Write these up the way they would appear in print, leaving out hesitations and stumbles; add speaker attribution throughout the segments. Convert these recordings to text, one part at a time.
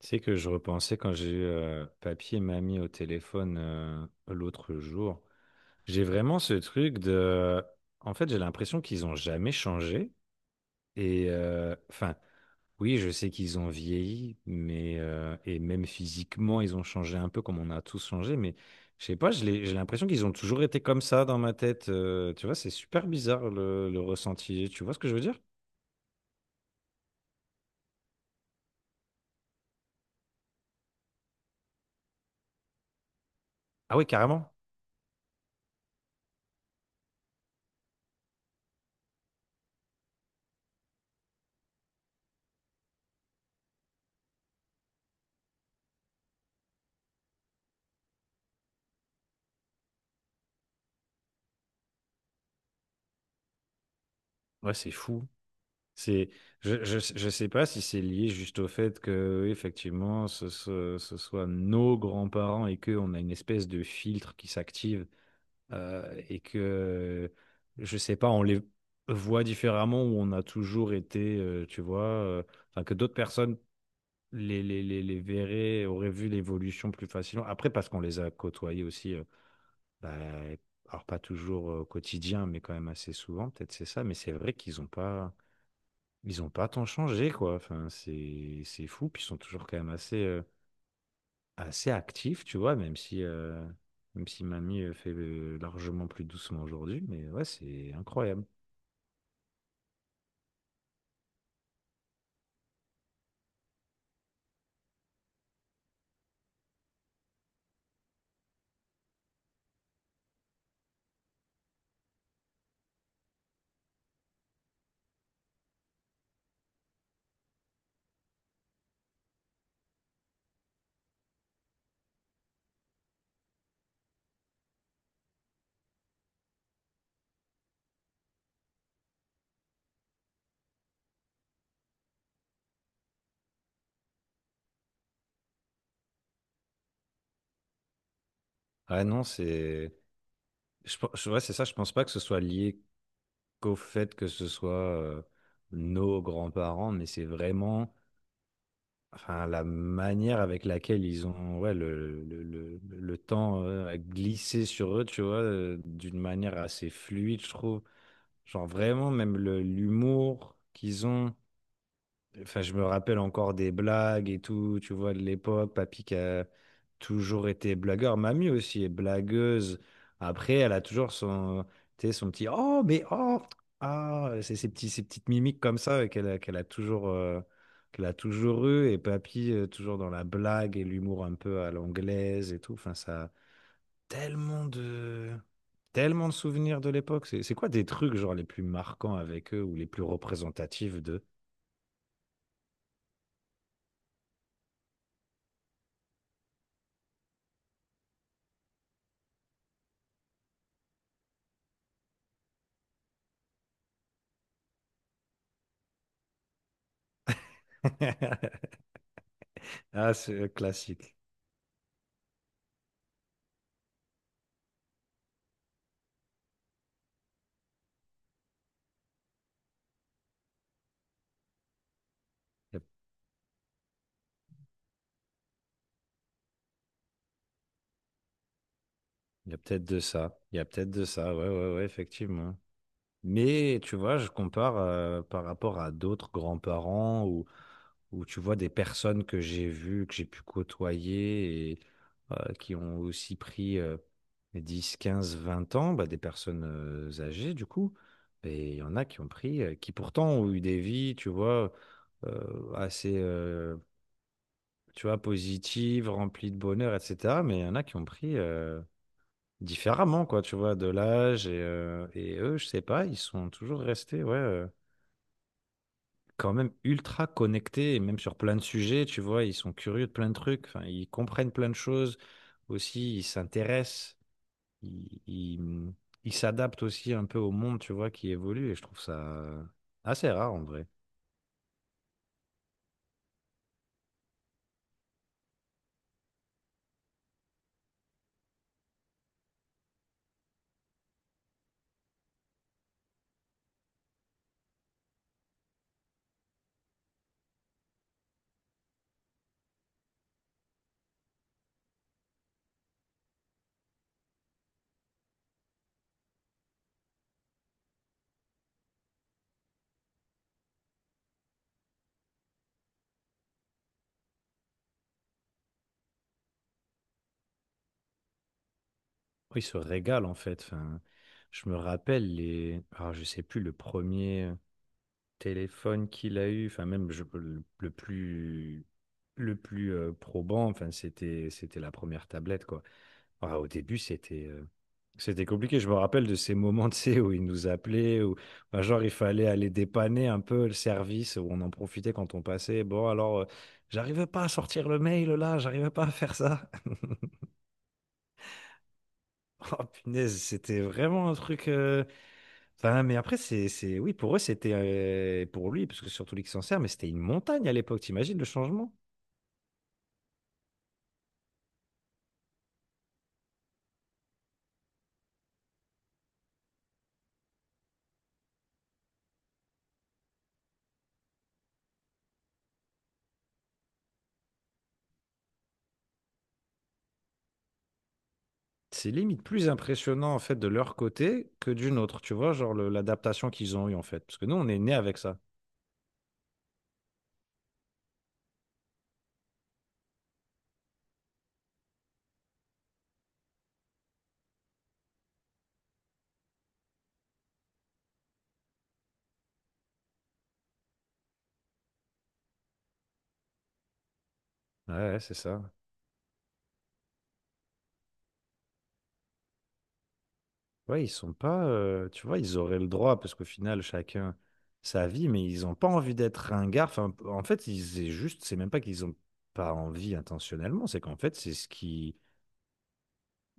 Speaker 1: Tu sais que je repensais quand j'ai eu papy et mamie au téléphone l'autre jour. J'ai vraiment ce truc de... En fait, j'ai l'impression qu'ils ont jamais changé. Enfin, oui, je sais qu'ils ont vieilli, mais et même physiquement, ils ont changé un peu comme on a tous changé. Mais je sais pas, j'ai l'impression qu'ils ont toujours été comme ça dans ma tête. Tu vois, c'est super bizarre le ressenti. Tu vois ce que je veux dire? Ah oui, carrément. Ouais, c'est fou. C'est, je sais pas si c'est lié juste au fait que, oui, effectivement, ce soit nos grands-parents et qu'on a une espèce de filtre qui s'active, et que, je sais pas, on les voit différemment ou on a toujours été, tu vois, enfin, que d'autres personnes les verraient, auraient vu l'évolution plus facilement. Après, parce qu'on les a côtoyés aussi, bah, alors pas toujours au quotidien, mais quand même assez souvent, peut-être c'est ça, mais c'est vrai qu'ils ont pas. Ils ont pas tant changé, quoi. Enfin, c'est fou. Puis ils sont toujours quand même assez, assez actifs, tu vois, même si Mamie fait largement plus doucement aujourd'hui. Mais ouais, c'est incroyable. Ah non, c'est. Ouais, c'est ça. Je pense pas que ce soit lié qu'au fait que ce soit euh, nos grands-parents, mais c'est vraiment, enfin, la manière avec laquelle ils ont, ouais, le temps a glissé sur eux, tu vois, d'une manière assez fluide, je trouve. Genre vraiment, même l'humour qu'ils ont. Enfin, je me rappelle encore des blagues et tout, tu vois, de l'époque. Papy qui a toujours été blagueur. Mamie aussi est blagueuse. Après, elle a toujours son, tu sais, son petit «Oh, mais oh!» Ah, c'est ces petits, ces petites mimiques comme ça qu'elle a, qu'elle a toujours eu. Et papy, toujours dans la blague et l'humour un peu à l'anglaise et tout. Enfin, ça tellement de tellement de souvenirs de l'époque. C'est quoi des trucs genre les plus marquants avec eux ou les plus représentatifs d'eux? Ah, c'est classique. Il y a, il y a peut-être de ça. Il y a peut-être de ça. Ouais, ouais, ouais, effectivement. Mais tu vois, je compare par rapport à d'autres grands-parents, ou où tu vois des personnes que j'ai vues, que j'ai pu côtoyer, et qui ont aussi pris, 10, 15, 20 ans, bah, des personnes âgées du coup. Et il y en a qui ont pris, qui pourtant ont eu des vies, tu vois, assez, tu vois, positives, remplies de bonheur, etc. Mais il y en a qui ont pris différemment, quoi, tu vois, de l'âge. Et eux, je sais pas, ils sont toujours restés, ouais, quand même ultra connectés, et même sur plein de sujets, tu vois, ils sont curieux de plein de trucs, enfin, ils comprennent plein de choses aussi, ils s'intéressent, ils, ils- ils s'adaptent aussi un peu au monde, tu vois, qui évolue, et je trouve ça assez rare en vrai. Oh, ils se régalent en fait, enfin, je me rappelle les... Ah, je sais plus, le premier téléphone qu'il a eu, enfin même le plus... Le plus probant, enfin, c'était la première tablette, quoi. Ah, au début, c'était, c'était compliqué. Je me rappelle de ces moments, tu sais, où ils nous appelaient, où, enfin, genre il fallait aller dépanner un peu le service, où on en profitait quand on passait. Bon, alors, j'arrivais pas à sortir le mail là, j'arrivais pas à faire ça. Oh punaise, c'était vraiment un truc. Enfin, mais après, c'est, oui, pour eux, c'était, pour lui, parce que surtout lui qui s'en sert, mais c'était une montagne à l'époque. T'imagines le changement? C'est limite plus impressionnant en fait de leur côté que d'une autre. Tu vois, genre l'adaptation qu'ils ont eue en fait, parce que nous, on est nés avec ça. Ouais, ouais, c'est ça. Ouais, ils sont pas, tu vois, ils auraient le droit, parce qu'au final, chacun sa vie, mais ils n'ont pas envie d'être ringards. Enfin, en fait, ils, c'est juste, c'est même pas qu'ils ont pas envie intentionnellement, c'est qu'en fait, c'est ce qui,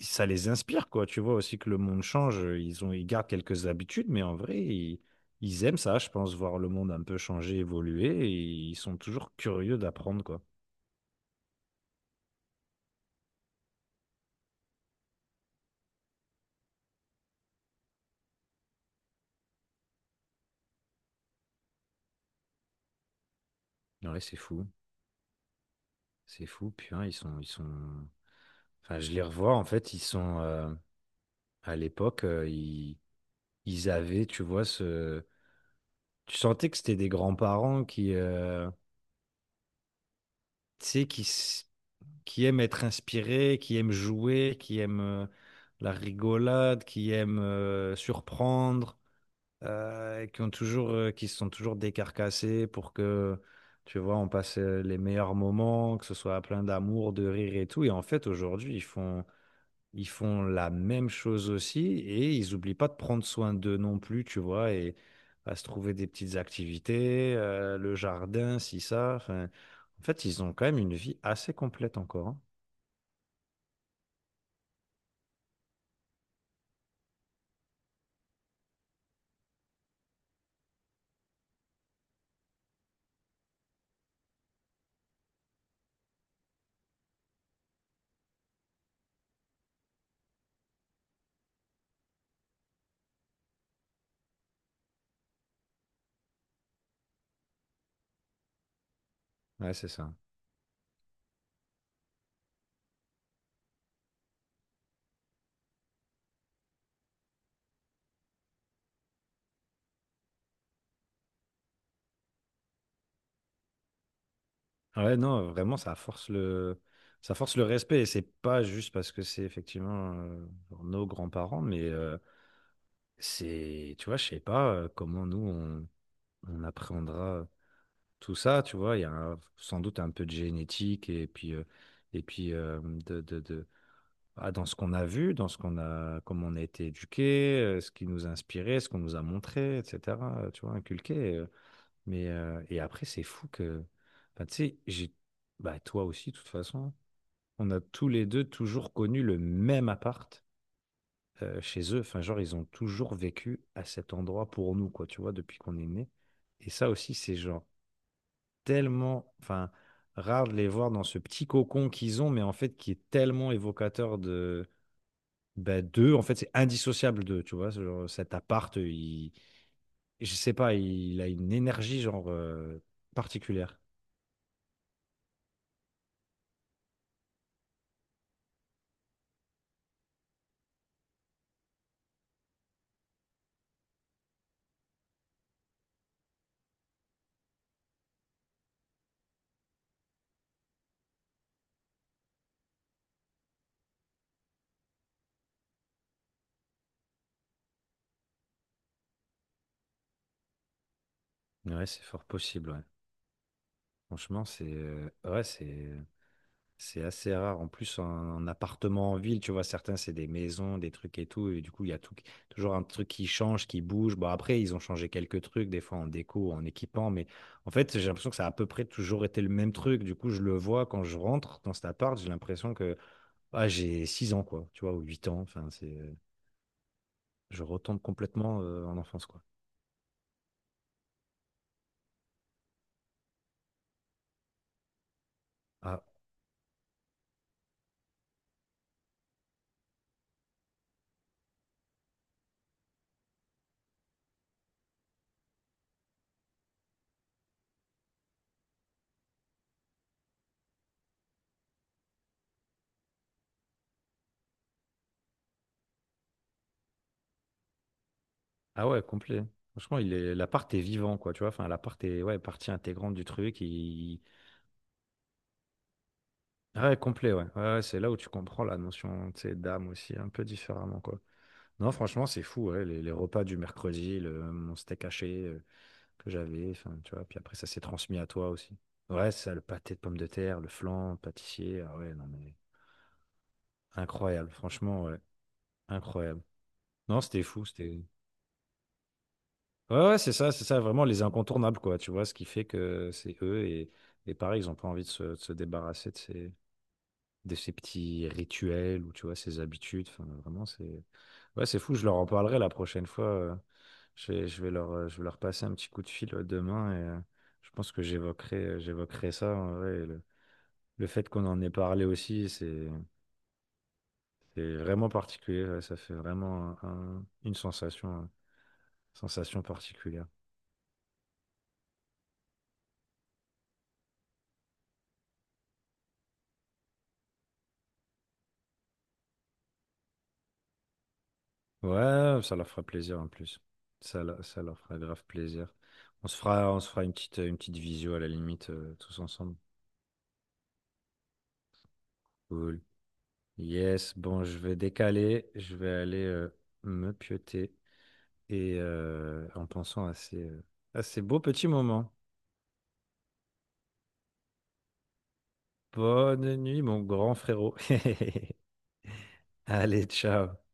Speaker 1: ça les inspire, quoi. Tu vois aussi que le monde change, ils ont, ils gardent quelques habitudes, mais en vrai, ils aiment ça, je pense, voir le monde un peu changer, évoluer, et ils sont toujours curieux d'apprendre, quoi. Ouais, c'est fou, c'est fou. Puis, hein, enfin, je les revois, en fait, ils sont, à l'époque, ils avaient, tu vois, ce... Tu sentais que c'était des grands-parents qui, tu sais, qui aiment être inspirés, qui aiment jouer, qui aiment la rigolade, qui aiment surprendre, et qui ont toujours, qui se sont toujours décarcassés pour que, tu vois, on passe les meilleurs moments, que ce soit plein d'amour, de rire et tout. Et en fait, aujourd'hui, ils font la même chose aussi et ils n'oublient pas de prendre soin d'eux non plus, tu vois, et à se trouver des petites activités, le jardin, si ça. Enfin, en fait, ils ont quand même une vie assez complète encore, hein. Ouais, c'est ça. Ah ouais, non, vraiment, ça force le respect, et c'est pas juste parce que c'est effectivement genre nos grands-parents, mais c'est, tu vois, je sais pas comment nous on appréhendra tout ça, tu vois. Il y a un- Sans doute un peu de génétique, et puis, et puis euh, de, de, de- ah, dans ce qu'on a vu, dans ce qu'on a, comment on a été éduqué, ce qui nous a inspiré, ce qu'on nous a montré, etc., tu vois, inculqué. Mais, et après, c'est fou que, bah, tu sais, j'ai, bah, toi aussi, de toute façon, on a tous les deux toujours connu le même appart, chez eux. Enfin, genre ils ont toujours vécu à cet endroit pour nous, quoi, tu vois, depuis qu'on est né. Et ça aussi c'est genre tellement, enfin, rare de les voir dans ce petit cocon qu'ils ont, mais en fait, qui est tellement évocateur de, bah, d'eux. En fait, c'est indissociable d'eux, tu vois. Ce genre, cet appart, il, je sais pas, il a une énergie, genre, particulière. Ouais, c'est fort possible, ouais. Franchement, c'est, ouais, c'est. C'est assez rare. En plus, en, en appartement en ville, tu vois, certains, c'est des maisons, des trucs et tout. Et du coup, il y a tout, qui- toujours un truc qui change, qui bouge. Bon, après, ils ont changé quelques trucs, des fois en déco, en équipant. Mais en fait, j'ai l'impression que ça a à peu près toujours été le même truc. Du coup, je le vois quand je rentre dans cet appart, j'ai l'impression que, ah, j'ai 6 ans, quoi, tu vois, ou 8 ans. Enfin, c'est, je retombe complètement en enfance, quoi. Ah, ah ouais, complet. Franchement, il est, l'appart est vivant, quoi, tu vois. Enfin, l'appart est, ouais, partie intégrante du truc. Il, ouais, complet, ouais. Ouais, ouais, c'est là où tu comprends la notion, tu sais, d'âme aussi, un peu différemment, quoi. Non, franchement, c'est fou, ouais, les repas du mercredi, le, mon steak haché que j'avais, enfin, tu vois, puis après, ça s'est transmis à toi aussi. Ouais, ça, le pâté de pommes de terre, le flan, le pâtissier, ah ouais, non, mais incroyable, franchement, ouais, incroyable. Non, c'était fou, c'était... Ouais, ouais, c'est ça, vraiment les incontournables, quoi, tu vois, ce qui fait que c'est eux, et pareil, ils n'ont pas envie de se débarrasser de ces petits rituels, ou tu vois, ces habitudes, enfin, vraiment, c'est... Ouais, c'est fou, je leur en parlerai la prochaine fois. Je vais leur, je vais leur passer un petit coup de fil demain, et je pense que j'évoquerai ça, en vrai, et le fait qu'on en ait parlé aussi, c'est vraiment particulier. Ouais, ça fait vraiment une sensation, sensation particulière. Ouais, ça leur fera plaisir en plus. Ça, ça leur fera grave plaisir. On se fera une petite visio à la limite, tous ensemble. Cool. Yes, bon, je vais décaler, je vais aller me pioter. Et en pensant à ces beaux petits moments. Bonne nuit, mon grand frérot. Allez, ciao.